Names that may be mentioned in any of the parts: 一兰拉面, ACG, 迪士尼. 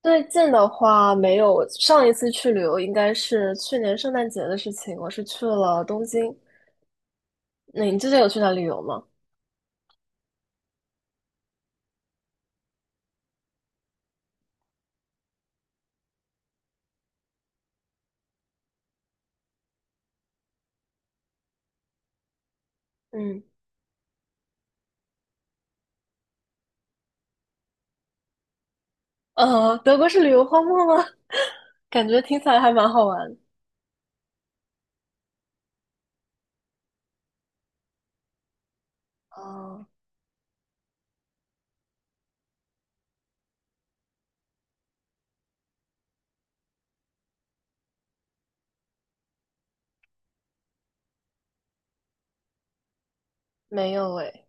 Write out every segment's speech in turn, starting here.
最近的话没有，上一次去旅游应该是去年圣诞节的事情，我是去了东京。那你之前有去哪旅游吗？嗯，德国是旅游荒漠吗？感觉听起来还蛮好玩。啊，没有诶，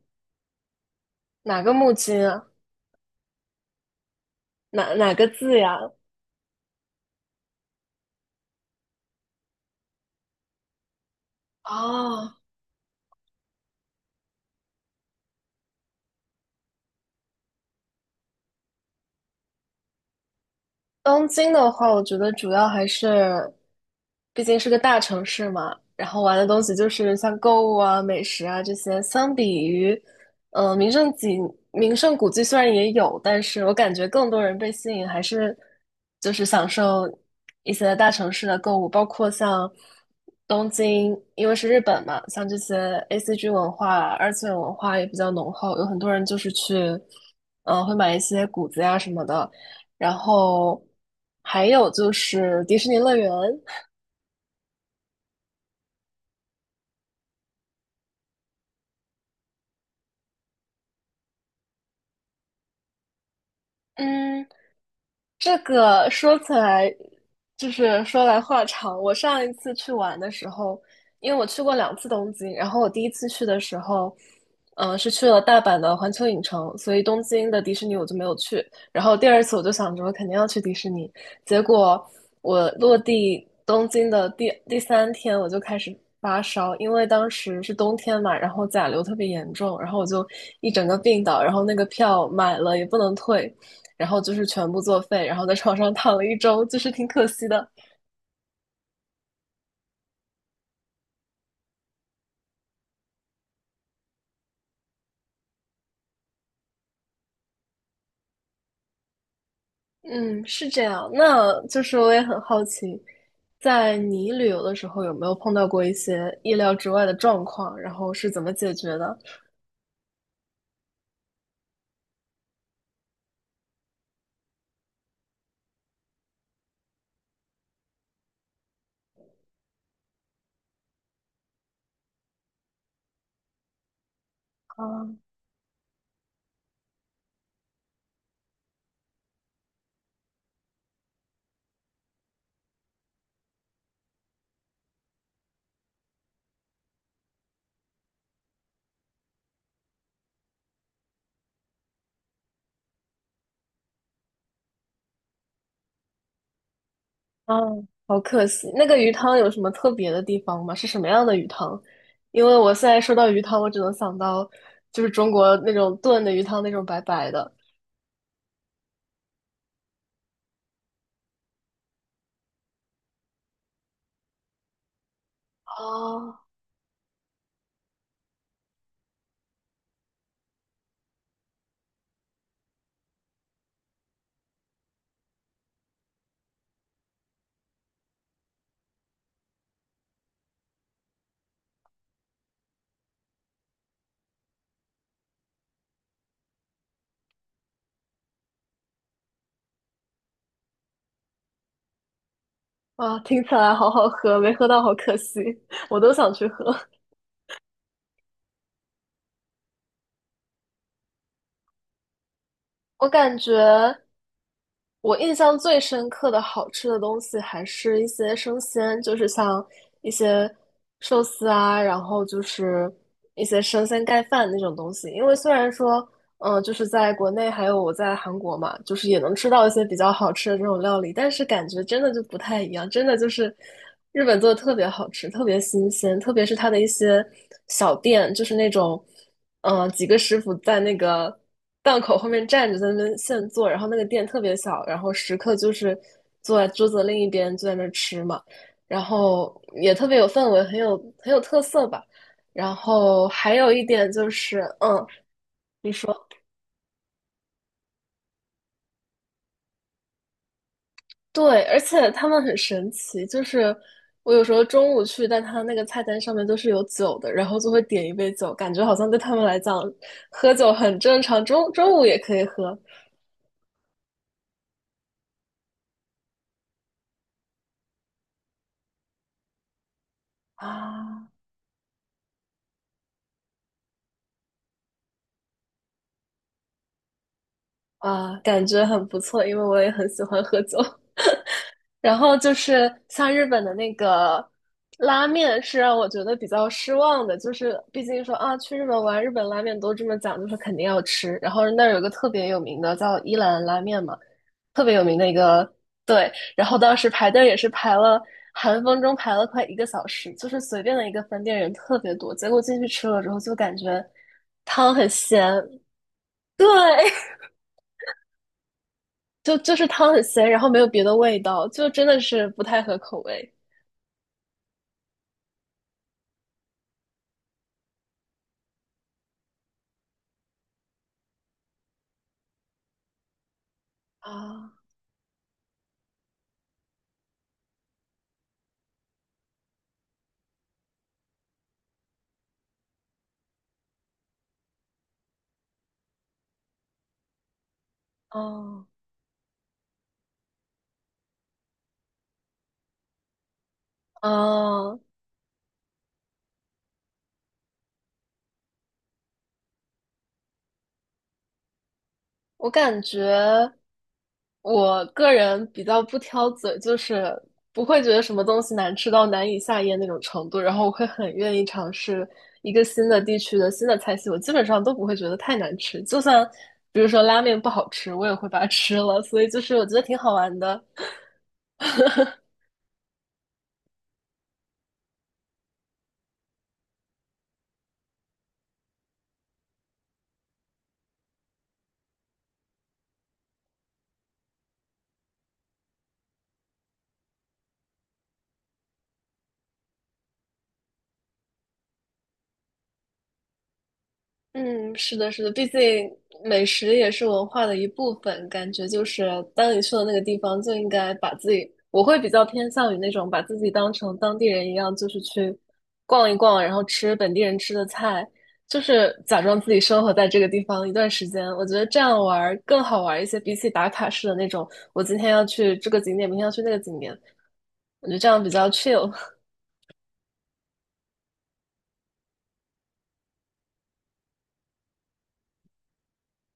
哪个木金啊？哪个字呀？哦，东京的话，我觉得主要还是，毕竟是个大城市嘛，然后玩的东西就是像购物啊、美食啊这些，相比于，呃，名胜景、名胜古迹虽然也有，但是我感觉更多人被吸引还是就是享受一些大城市的购物，包括像东京，因为是日本嘛，像这些 ACG 文化、二次元文化也比较浓厚，有很多人就是去，会买一些谷子呀什么的。然后还有就是迪士尼乐园。嗯，这个说起来，就是说来话长。我上一次去玩的时候，因为我去过两次东京，然后我第一次去的时候，嗯、是去了大阪的环球影城，所以东京的迪士尼我就没有去。然后第二次我就想着我肯定要去迪士尼，结果我落地东京的第三天我就开始发烧，因为当时是冬天嘛，然后甲流特别严重，然后我就一整个病倒，然后那个票买了也不能退。然后就是全部作废，然后在床上躺了一周，就是挺可惜的。嗯，是这样。那就是我也很好奇，在你旅游的时候有没有碰到过一些意料之外的状况，然后是怎么解决的？啊啊，好可惜。那个鱼汤有什么特别的地方吗？是什么样的鱼汤？因为我现在说到鱼汤，我只能想到就是中国那种炖的鱼汤，那种白白的。哦，啊，听起来好好喝，没喝到好可惜，我都想去喝。我感觉我印象最深刻的好吃的东西还是一些生鲜，就是像一些寿司啊，然后就是一些生鲜盖饭那种东西。因为虽然说，嗯、就是在国内还有我在韩国嘛，就是也能吃到一些比较好吃的这种料理，但是感觉真的就不太一样，真的就是日本做的特别好吃，特别新鲜，特别是它的一些小店，就是那种。嗯，几个师傅在那个档口后面站着，在那边现做，然后那个店特别小，然后食客就是坐在桌子的另一边就在那儿吃嘛，然后也特别有氛围，很有特色吧。然后还有一点就是，嗯，对，而且他们很神奇，就是我有时候中午去，但他那个菜单上面都是有酒的，然后就会点一杯酒，感觉好像对他们来讲，喝酒很正常，中午也可以喝啊。啊，感觉很不错，因为我也很喜欢喝酒。然后就是像日本的那个拉面，是让我觉得比较失望的。就是毕竟说啊，去日本玩，日本拉面都这么讲，就是肯定要吃。然后那儿有个特别有名的叫一兰拉面嘛，特别有名的一个，对。然后当时排队也是排了，寒风中排了快一个小时，就是随便的一个分店人特别多。结果进去吃了之后，就感觉汤很咸，对，就是汤很咸，然后没有别的味道，就真的是不太合口味啊，哦哦，我感觉我个人比较不挑嘴，就是不会觉得什么东西难吃到难以下咽那种程度，然后我会很愿意尝试一个新的地区的新的菜系，我基本上都不会觉得太难吃。就算比如说拉面不好吃，我也会把它吃了，所以就是我觉得挺好玩的。嗯，是的，是的，毕竟美食也是文化的一部分，感觉就是当你去了那个地方，就应该把自己，我会比较偏向于那种把自己当成当地人一样，就是去逛一逛，然后吃本地人吃的菜，就是假装自己生活在这个地方一段时间。我觉得这样玩儿更好玩儿一些，比起打卡式的那种，我今天要去这个景点，明天要去那个景点，我觉得这样比较 chill。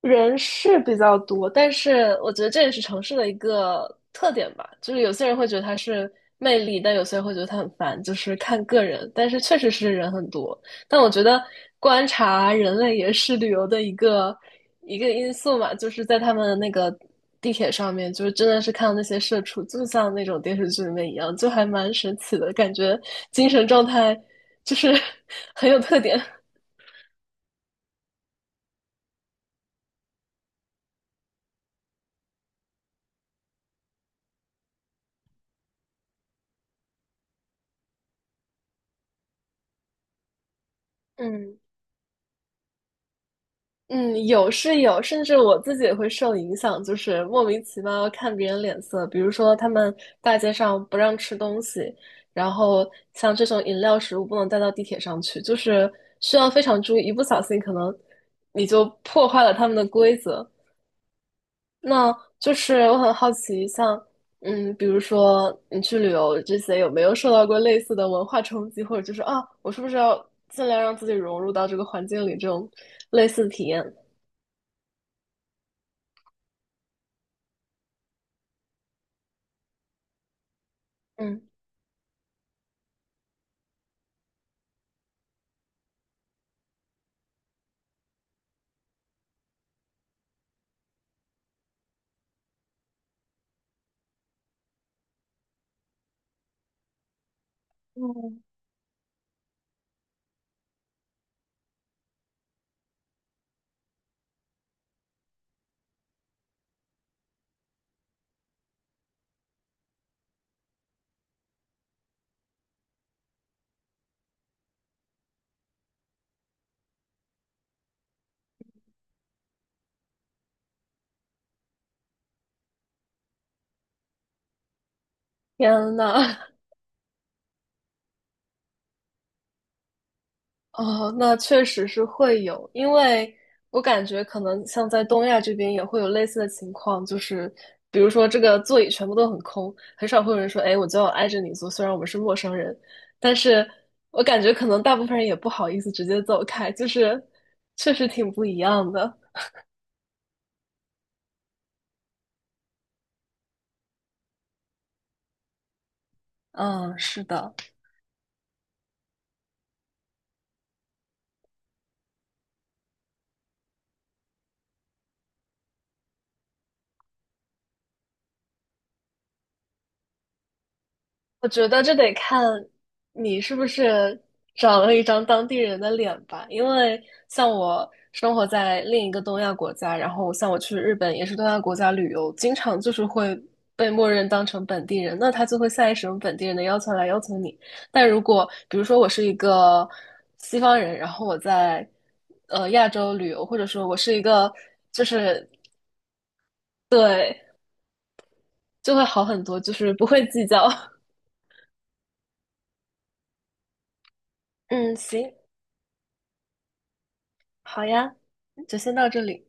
人是比较多，但是我觉得这也是城市的一个特点吧。就是有些人会觉得它是魅力，但有些人会觉得它很烦，就是看个人。但是确实是人很多，但我觉得观察人类也是旅游的一个因素嘛。就是在他们的那个地铁上面，就是真的是看到那些社畜，就像那种电视剧里面一样，就还蛮神奇的感觉，精神状态就是 很有特点。嗯，嗯，有是有，甚至我自己也会受影响，就是莫名其妙看别人脸色。比如说，他们大街上不让吃东西，然后像这种饮料、食物不能带到地铁上去，就是需要非常注意，一不小心可能你就破坏了他们的规则。那就是我很好奇，像嗯，比如说你去旅游这些，有没有受到过类似的文化冲击，或者就是啊，我是不是要尽量让自己融入到这个环境里这种类似的体验？嗯。嗯，天呐，哦，那确实是会有，因为我感觉可能像在东亚这边也会有类似的情况，就是比如说这个座椅全部都很空，很少会有人说，哎，我就要挨着你坐，虽然我们是陌生人，但是我感觉可能大部分人也不好意思直接走开，就是确实挺不一样的。嗯，是的。我觉得这得看你是不是长了一张当地人的脸吧，因为像我生活在另一个东亚国家，然后像我去日本也是东亚国家旅游，经常就是会被默认当成本地人，那他就会下意识用本地人的要求来要求你。但如果比如说我是一个西方人，然后我在亚洲旅游，或者说我是一个就是对，就会好很多，就是不会计较。嗯，行，好呀，就先到这里。